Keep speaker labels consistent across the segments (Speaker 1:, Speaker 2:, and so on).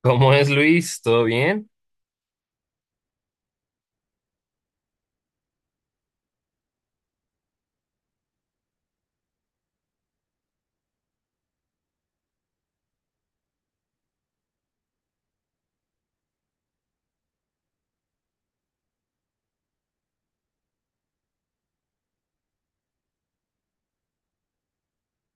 Speaker 1: ¿Cómo es Luis? ¿Todo bien?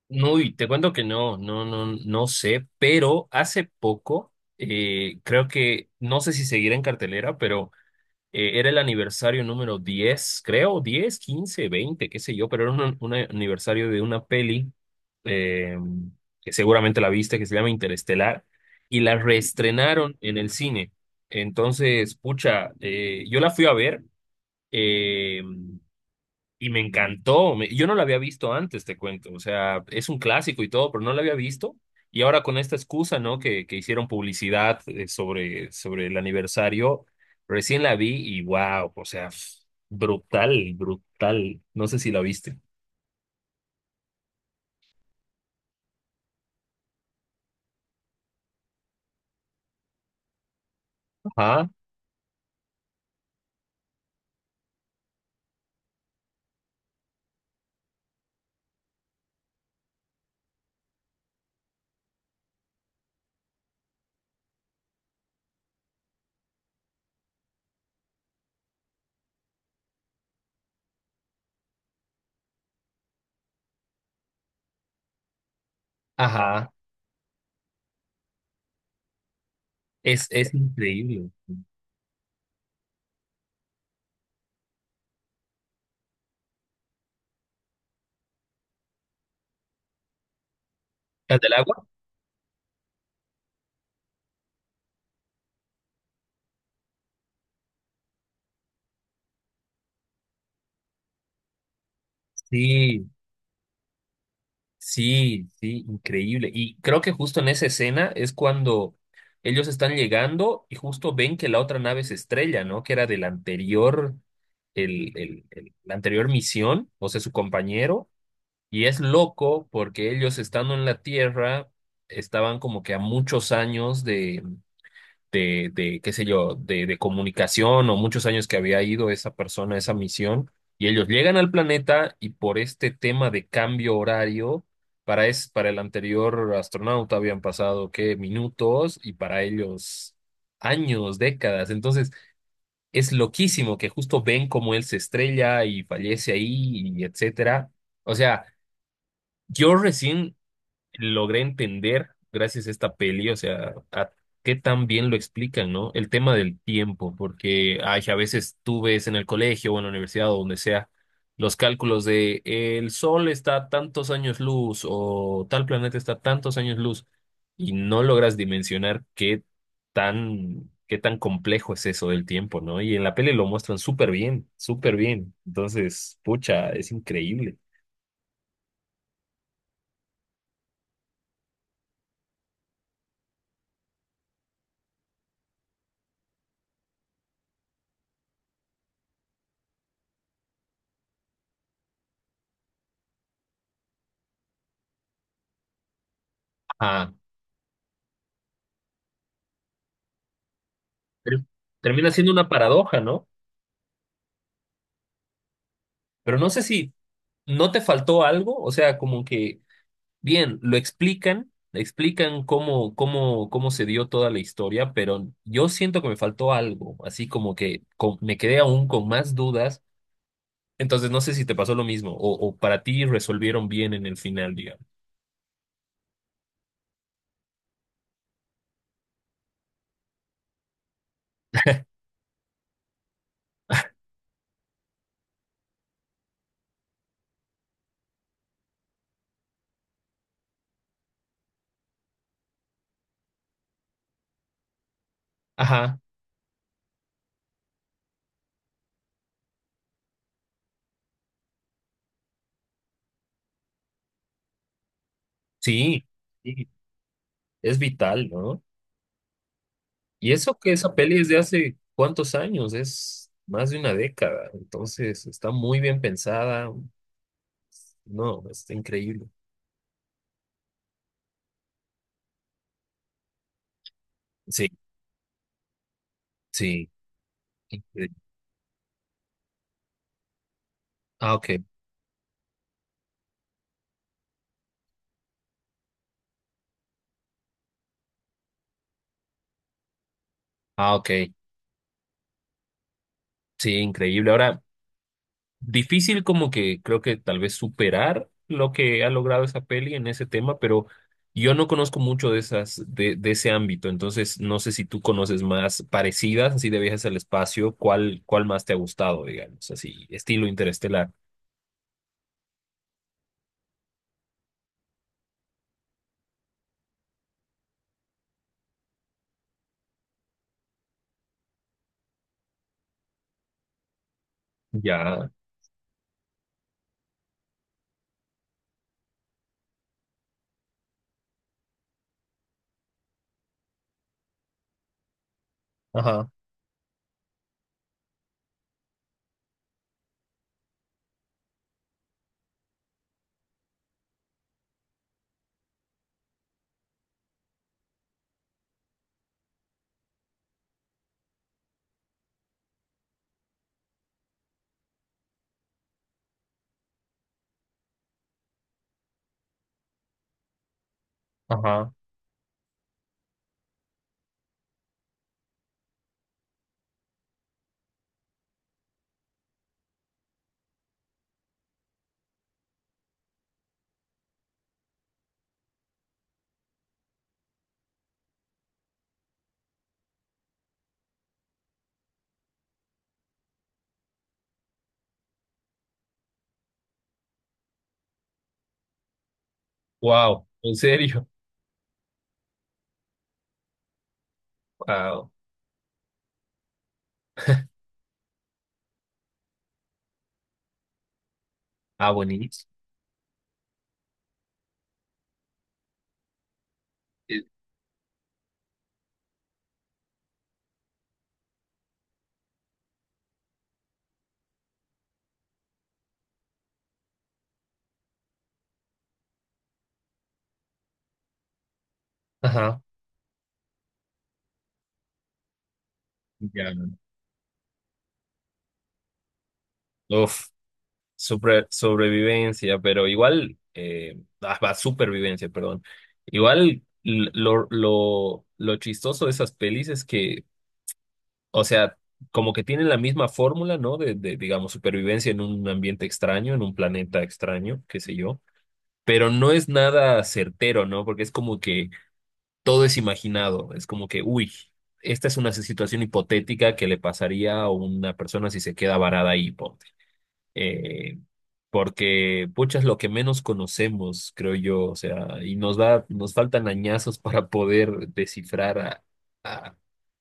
Speaker 1: Uy, te cuento que no, no sé, pero hace poco, creo que, no sé si seguirá en cartelera, pero era el aniversario número 10, creo, 10, 15, 20, qué sé yo, pero era un aniversario de una peli eh, que seguramente la viste, que se llama Interestelar, y la reestrenaron en el cine. Entonces, pucha, yo la fui a ver. eh, Y me encantó. Me- yo no la había visto antes, te cuento. O sea, es un clásico y todo, pero no la había visto. Y ahora con esta excusa, ¿no? Que hicieron publicidad sobre, sobre el aniversario, recién la vi y wow, o sea, f- brutal, brutal. No sé si la viste. Ajá, ajá. Es increíble. ¿La del agua? Sí. Sí, sí, increíble. Y creo que justo en esa escena es cuando ellos están llegando y justo ven que la otra nave se estrella, ¿no? Que era del anterior, el- la anterior misión, o sea, su compañero. Y es loco porque ellos estando en la Tierra estaban como que a muchos años de, qué sé yo, de comunicación o muchos años que había ido esa persona a esa misión, y ellos llegan al planeta y por este tema de cambio horario, para, es, para el anterior astronauta habían pasado, ¿qué? Minutos y para ellos años, décadas. Entonces, es loquísimo que justo ven cómo él se estrella y fallece ahí y etcétera. O sea, yo recién logré entender gracias a esta peli, o sea, a qué tan bien lo explican, ¿no? El tema del tiempo, porque ay, a veces tú ves en el colegio o en la universidad o donde sea los cálculos de el sol está a tantos años luz o tal planeta está a tantos años luz y no logras dimensionar qué tan complejo es eso del tiempo, ¿no? Y en la peli lo muestran súper bien, súper bien. Entonces, pucha, es increíble. Ah, pero termina siendo una paradoja, ¿no? Pero no sé si no te faltó algo, o sea, como que, bien, lo explican, explican cómo, cómo, cómo se dio toda la historia, pero yo siento que me faltó algo, así como que con- me quedé aún con más dudas, entonces no sé si te pasó lo mismo, o para ti resolvieron bien en el final, digamos. Ajá, sí, sí, es vital, ¿no? Y eso que esa peli es de hace cuántos años, es más de una década, entonces está muy bien pensada, no, está increíble. Sí. Sí. Increíble. Ah, ok. Ah, ok. Sí, increíble. Ahora, difícil como que creo que tal vez superar lo que ha logrado esa peli en ese tema, pero yo no conozco mucho de esas, de ese ámbito, entonces no sé si tú conoces más parecidas, así de viajes al espacio, ¿cuál, cuál más te ha gustado, digamos, así, estilo interestelar? Ya. Ajá. Ajá. Wow. ¿En serio? Wow. Ah, buenísimo. Eh, Ajá. Ya. Uf. Supre- sobrevivencia, pero igual, va, supervivencia, perdón. Igual l- lo chistoso de esas pelis es que, o sea, como que tienen la misma fórmula, ¿no? De, digamos, supervivencia en un ambiente extraño, en un planeta extraño, qué sé yo, pero no es nada certero, ¿no? Porque es como que todo es imaginado, es como que, uy, esta es una situación hipotética que le pasaría a una persona si se queda varada ahí, po eh, porque, pucha, es lo que menos conocemos, creo yo, o sea, y nos da, nos faltan añazos para poder descifrar a-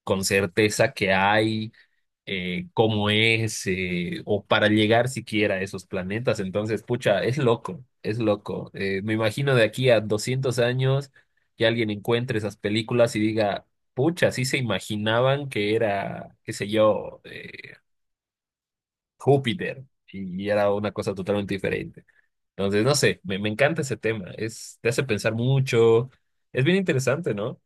Speaker 1: con certeza qué hay, cómo es, o para llegar siquiera a esos planetas. Entonces, pucha, es loco, es loco. Me imagino de aquí a 200 años que alguien encuentre esas películas y diga, pucha, sí se imaginaban que era, qué sé yo, Júpiter y era una cosa totalmente diferente. Entonces, no sé, me encanta ese tema, es, te hace pensar mucho, es bien interesante, ¿no?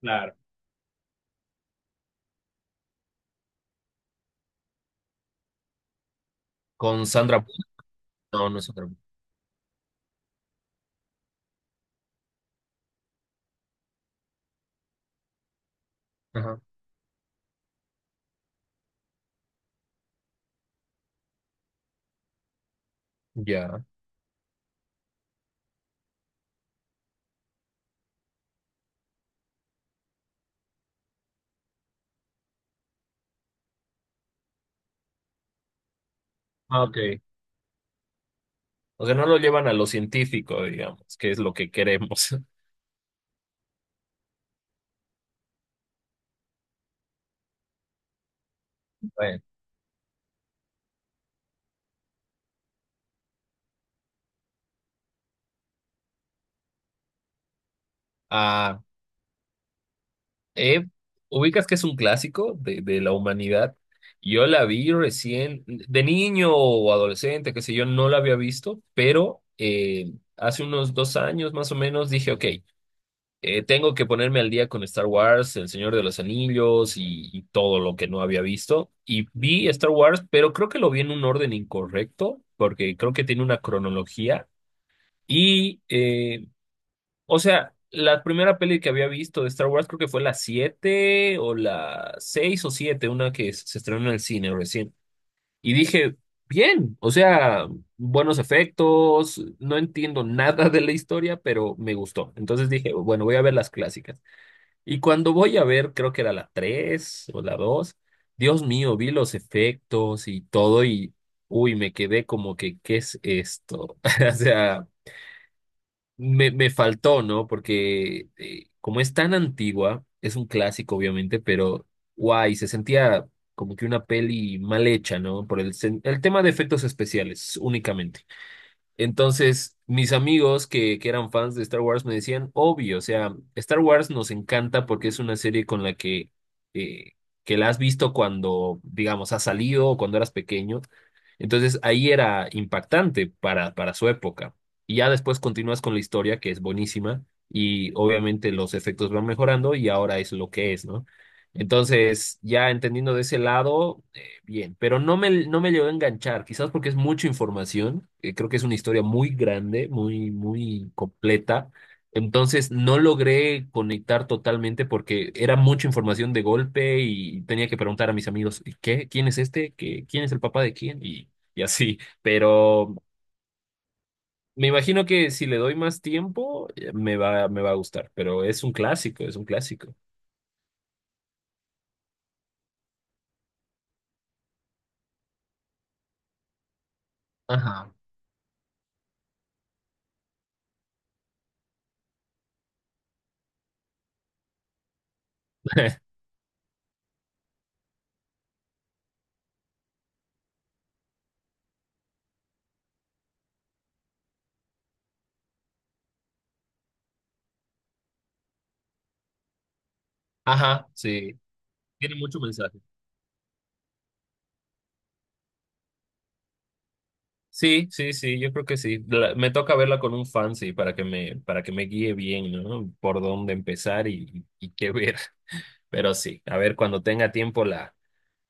Speaker 1: Claro. Con Sandra Bullock, no, no es Sandra Bullock. Ajá. Ya. Ah, ok. O sea, no lo llevan a lo científico, digamos, que es lo que queremos. Bueno. Ah, eh, ubicas que es un clásico de la humanidad. Yo la vi recién, de niño o adolescente, qué sé yo, no la había visto, pero hace unos 2 años más o menos dije, ok, tengo que ponerme al día con Star Wars, El Señor de los Anillos y todo lo que no había visto. Y vi Star Wars, pero creo que lo vi en un orden incorrecto, porque creo que tiene una cronología. Y, o sea, la primera peli que había visto de Star Wars creo que fue la 7 o la 6 o 7 una que se estrenó en el cine recién. Y dije, bien, o sea, buenos efectos, no entiendo nada de la historia, pero me gustó. Entonces dije, bueno, voy a ver las clásicas. Y cuando voy a ver, creo que era la 3 o la 2 Dios mío, vi los efectos y todo y, uy, me quedé como que, ¿qué es esto? O sea, me faltó, ¿no? Porque como es tan antigua, es un clásico, obviamente, pero, guay, se sentía como que una peli mal hecha, ¿no? Por el, sen- el tema de efectos especiales únicamente. Entonces, mis amigos que eran fans de Star Wars me decían, obvio, o sea, Star Wars nos encanta porque es una serie con la eh, que la has visto cuando, digamos, ha salido o cuando eras pequeño. Entonces, ahí era impactante para su época. Y ya después continúas con la historia, que es buenísima, y obviamente los efectos van mejorando y ahora es lo que es, ¿no? Entonces, ya entendiendo de ese lado bien, pero no me, no me llegó a enganchar, quizás porque es mucha información, creo que es una historia muy grande, muy, muy completa, entonces no logré conectar totalmente porque era mucha información de golpe y tenía que preguntar a mis amigos, ¿y ¿qué? ¿Quién es este? ¿Qué? ¿Quién es el papá de quién? Y así, pero me imagino que si le doy más tiempo, me va a gustar, pero es un clásico, es un clásico. Ajá. Ajá, sí, tiene mucho mensaje. Sí, sí, sí, yo creo que sí. La- me toca verla con un fan, sí, para que me guíe bien, ¿no? Por dónde empezar y qué ver. Pero sí, a ver, cuando tenga tiempo la,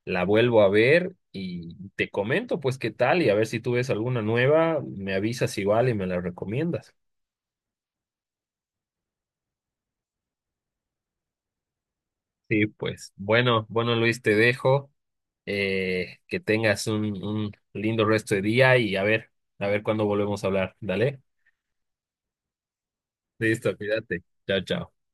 Speaker 1: la vuelvo a ver y te comento, pues, qué tal y a ver si tú ves alguna nueva, me avisas igual y me la recomiendas. Sí, pues, bueno, bueno, Luis, te dejo. Que tengas un lindo resto de día y a ver cuándo volvemos a hablar. Dale. Listo, cuídate. Chao, chao.